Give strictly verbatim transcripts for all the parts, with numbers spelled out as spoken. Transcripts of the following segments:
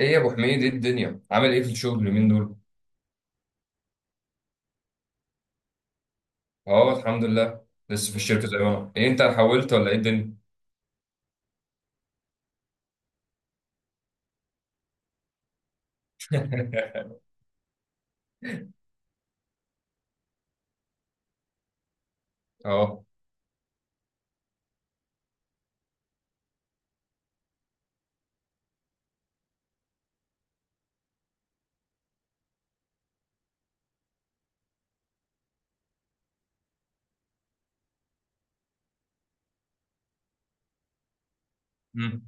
ايه يا ابو حميد، ايه الدنيا؟ عامل ايه في الشغل اليومين دول؟ اه الحمد لله. لسه في الشركه زي ما انا، ايه انت حولت ولا ايه الدنيا؟ اه. مم.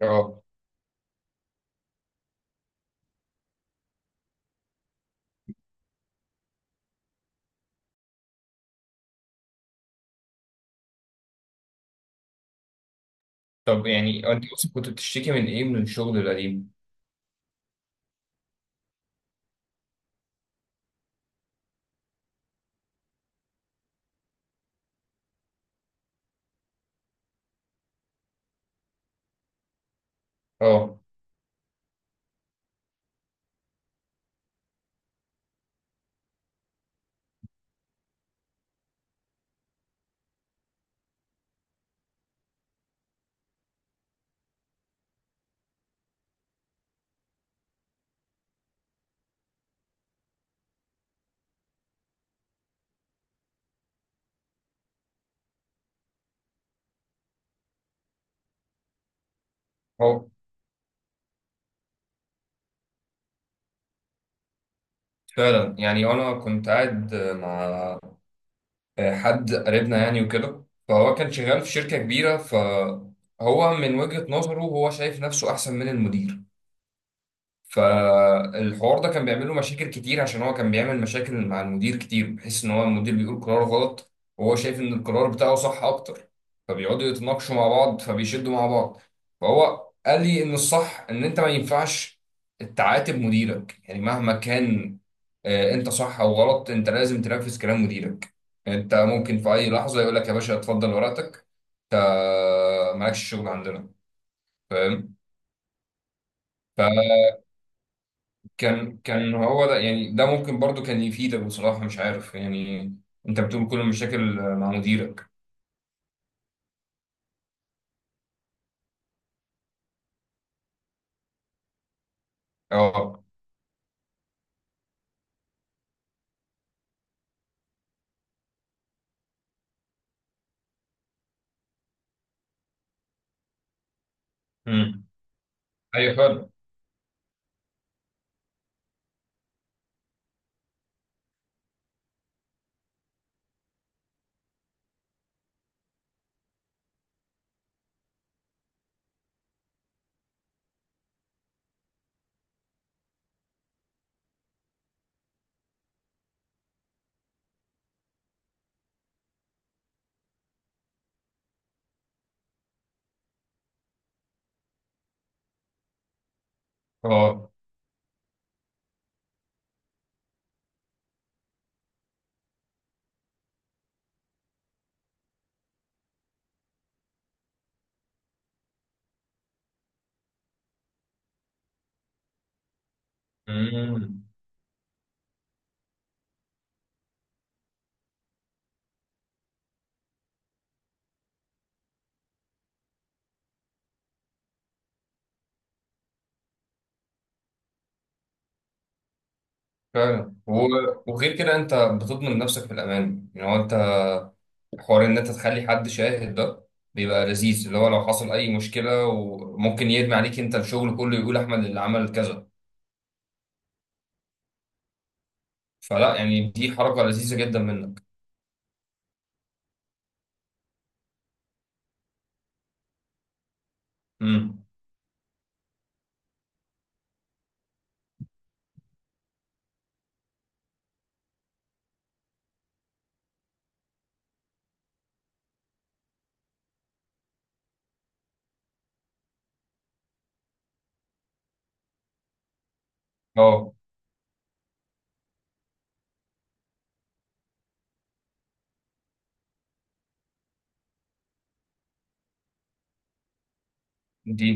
اه. طب يعني انت اصلا كنت بتشتكي من ايه من الشغل القديم؟ اه. اه فعلا. يعني انا كنت قاعد مع حد قريبنا يعني وكده، فهو كان شغال في شركه كبيره، فهو من وجهه نظره هو شايف نفسه احسن من المدير، فالحوار ده كان بيعمل له مشاكل كتير عشان هو كان بيعمل مشاكل مع المدير كتير، بحيث ان هو المدير بيقول قرار غلط وهو شايف ان القرار بتاعه صح اكتر، فبيقعدوا يتناقشوا مع بعض فبيشدوا مع بعض. فهو قال لي ان الصح ان انت ما ينفعش تعاتب مديرك يعني مهما كان. آه، انت صح او غلط، انت لازم تنفذ كلام مديرك. انت ممكن في اي لحظة يقول لك يا باشا اتفضل ورقتك، انت مالكش شغل عندنا. فاهم؟ كان كان هو ده، يعني ده ممكن برضو كان يفيدك بصراحة، مش عارف يعني. انت بتقول كل المشاكل مع مديرك. اه. امم. ايوه فعلا. اه. امم. فعلا. و- وغير كده انت بتضمن نفسك في الامان، يعني هو انت حوار ان انت تخلي حد شاهد ده بيبقى لذيذ، اللي هو لو حصل اي مشكلة وممكن يرمي عليك انت الشغل كله، يقول احمد اللي عمل كذا، فلا. يعني دي حركة لذيذة جدا منك. امم. اه. دي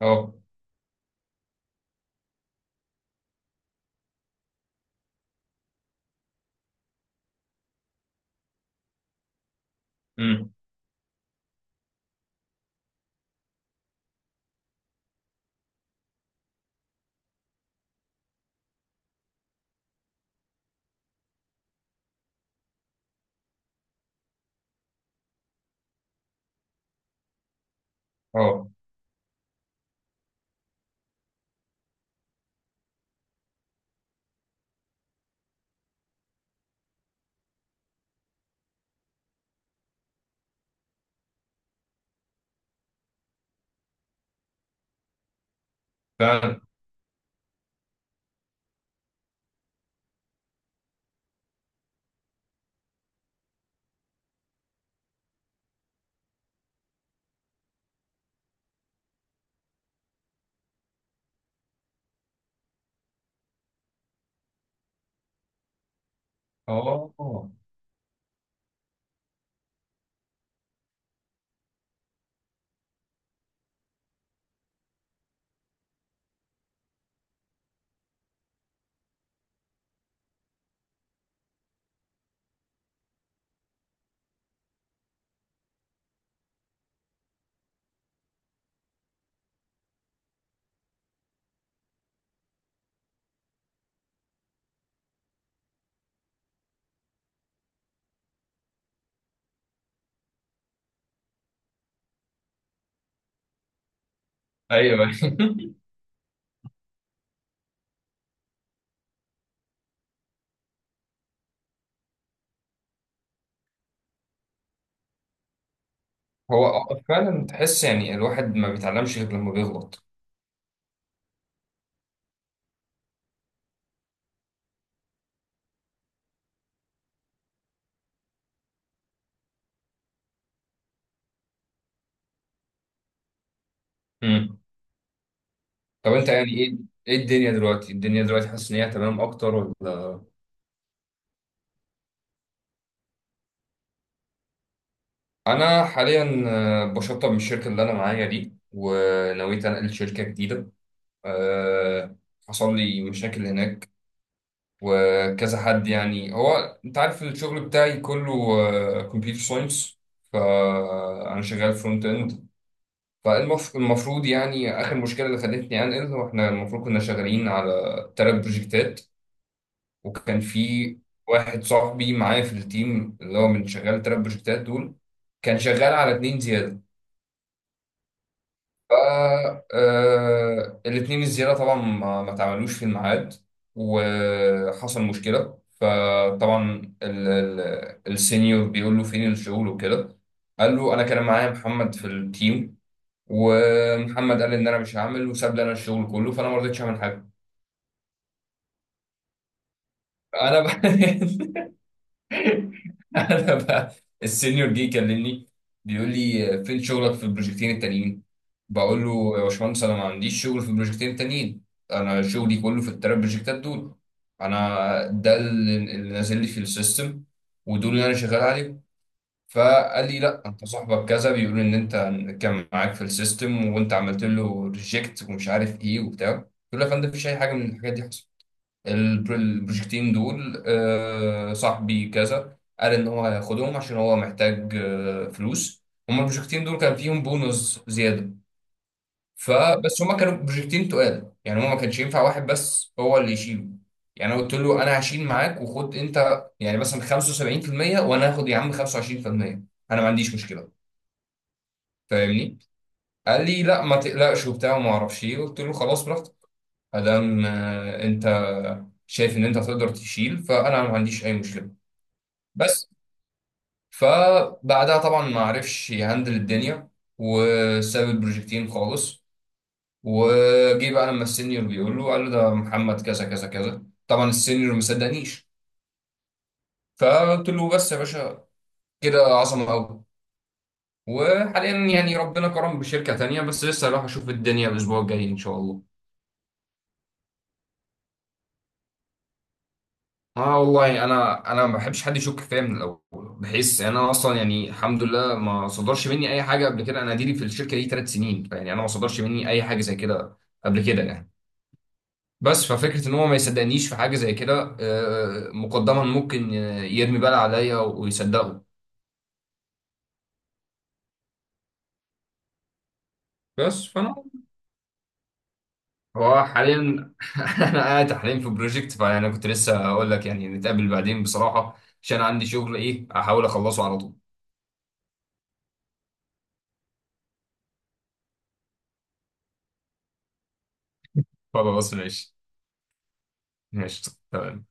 اه. امم. اه فعلا. اه. ايوه. هو آه، فعلا تحس يعني الواحد ما بيتعلمش غير لما بيغلط. امم. طب انت يعني ايه، ايه الدنيا دلوقتي؟ الدنيا دلوقتي حاسس ان هي تمام اكتر ولا؟ انا حاليا آه، بشطب من الشركه اللي انا معايا دي، ونويت انقل شركه جديده. أه. حصل لي مشاكل هناك وكذا. حد يعني، هو انت عارف الشغل بتاعي كله كمبيوتر ساينس، فانا شغال فرونت اند. فالمفروض يعني آخر مشكلة اللي خلتني أنقل، وإحنا المفروض كنا شغالين على تلات بروجكتات. وكان في واحد صاحبي معايا في التيم، اللي هو من شغال التلات بروجكتات دول، كان شغال على اتنين زيادة. ف آه، الاتنين الزيادة طبعا ما ما اتعملوش في الميعاد، وحصل مشكلة. فطبعا ال- ال- السينيور بيقول له فين الشغل وكده، قال له أنا كان معايا محمد في التيم، ومحمد قال ان انا مش هعمل وساب لي انا الشغل كله، فانا ما رضيتش اعمل حاجه. انا بقى. انا بقى، السينيور جه يكلمني، بيقول لي فين شغلك في البروجكتين التانيين؟ بقول له يا باشمهندس انا ما عنديش شغل في البروجكتين التانيين، انا شغلي كله في التلات بروجكتات دول. انا ده اللي اللي نازل لي في السيستم، ودول اللي انا شغال عليهم. فقال لي لا، انت صاحبك كذا بيقول ان انت كان معاك في السيستم وانت عملت له ريجكت ومش عارف ايه وبتاع. قلت له يا فندم مفيش اي حاجه من الحاجات دي حصلت. البر- البروجكتين دول آه، صاحبي كذا قال ان هو هياخدهم عشان هو محتاج آه، فلوس. هما البروجكتين دول كان فيهم بونص زياده. فبس هما كانوا بروجكتين تقال، يعني هو ما كانش ينفع واحد بس هو اللي يشيله. يعني انا قلت له انا هشيل معاك، وخد انت يعني مثلا خمسة وسبعين في المية، وانا هاخد يا عم خمسة وعشرين في المية، انا ما عنديش مشكله. فاهمني؟ قال لي لا ما تقلقش وبتاع وما اعرفش ايه. قلت له خلاص براحتك، ادام آه، انت شايف ان انت تقدر تشيل، فانا ما عنديش اي مشكله. بس فبعدها طبعا ما عرفش يهندل الدنيا، وساب البروجكتين خالص. وجي بقى لما السينيور بيقول له، قال له ده محمد كذا كذا كذا. طبعا السينيور ما صدقنيش. فقلت له بس يا باشا، كده عظمه قوي. وحاليا يعني ربنا كرم بشركه تانية، بس لسه هروح اشوف الدنيا الاسبوع الجاي ان شاء الله. اه والله انا انا ما بحبش حد يشك فيا من الاول، بحيث انا اصلا يعني الحمد لله ما صدرش مني اي حاجه قبل كده، انا ديري في الشركه دي تلات سنين يعني، انا ما صدرش مني اي حاجه زي كده قبل كده يعني. بس ففكرة ان هو ما يصدقنيش في حاجة زي كده آه، آه، مقدما ممكن يرمي بلا عليا ويصدقه. بس فانا، هو حاليا انا قاعد حاليا في بروجكت، فانا كنت لسه اقول لك يعني نتقابل بعدين بصراحة عشان عندي شغل، ايه احاول اخلصه على طول. خلاص ماشي. ماشي تمام.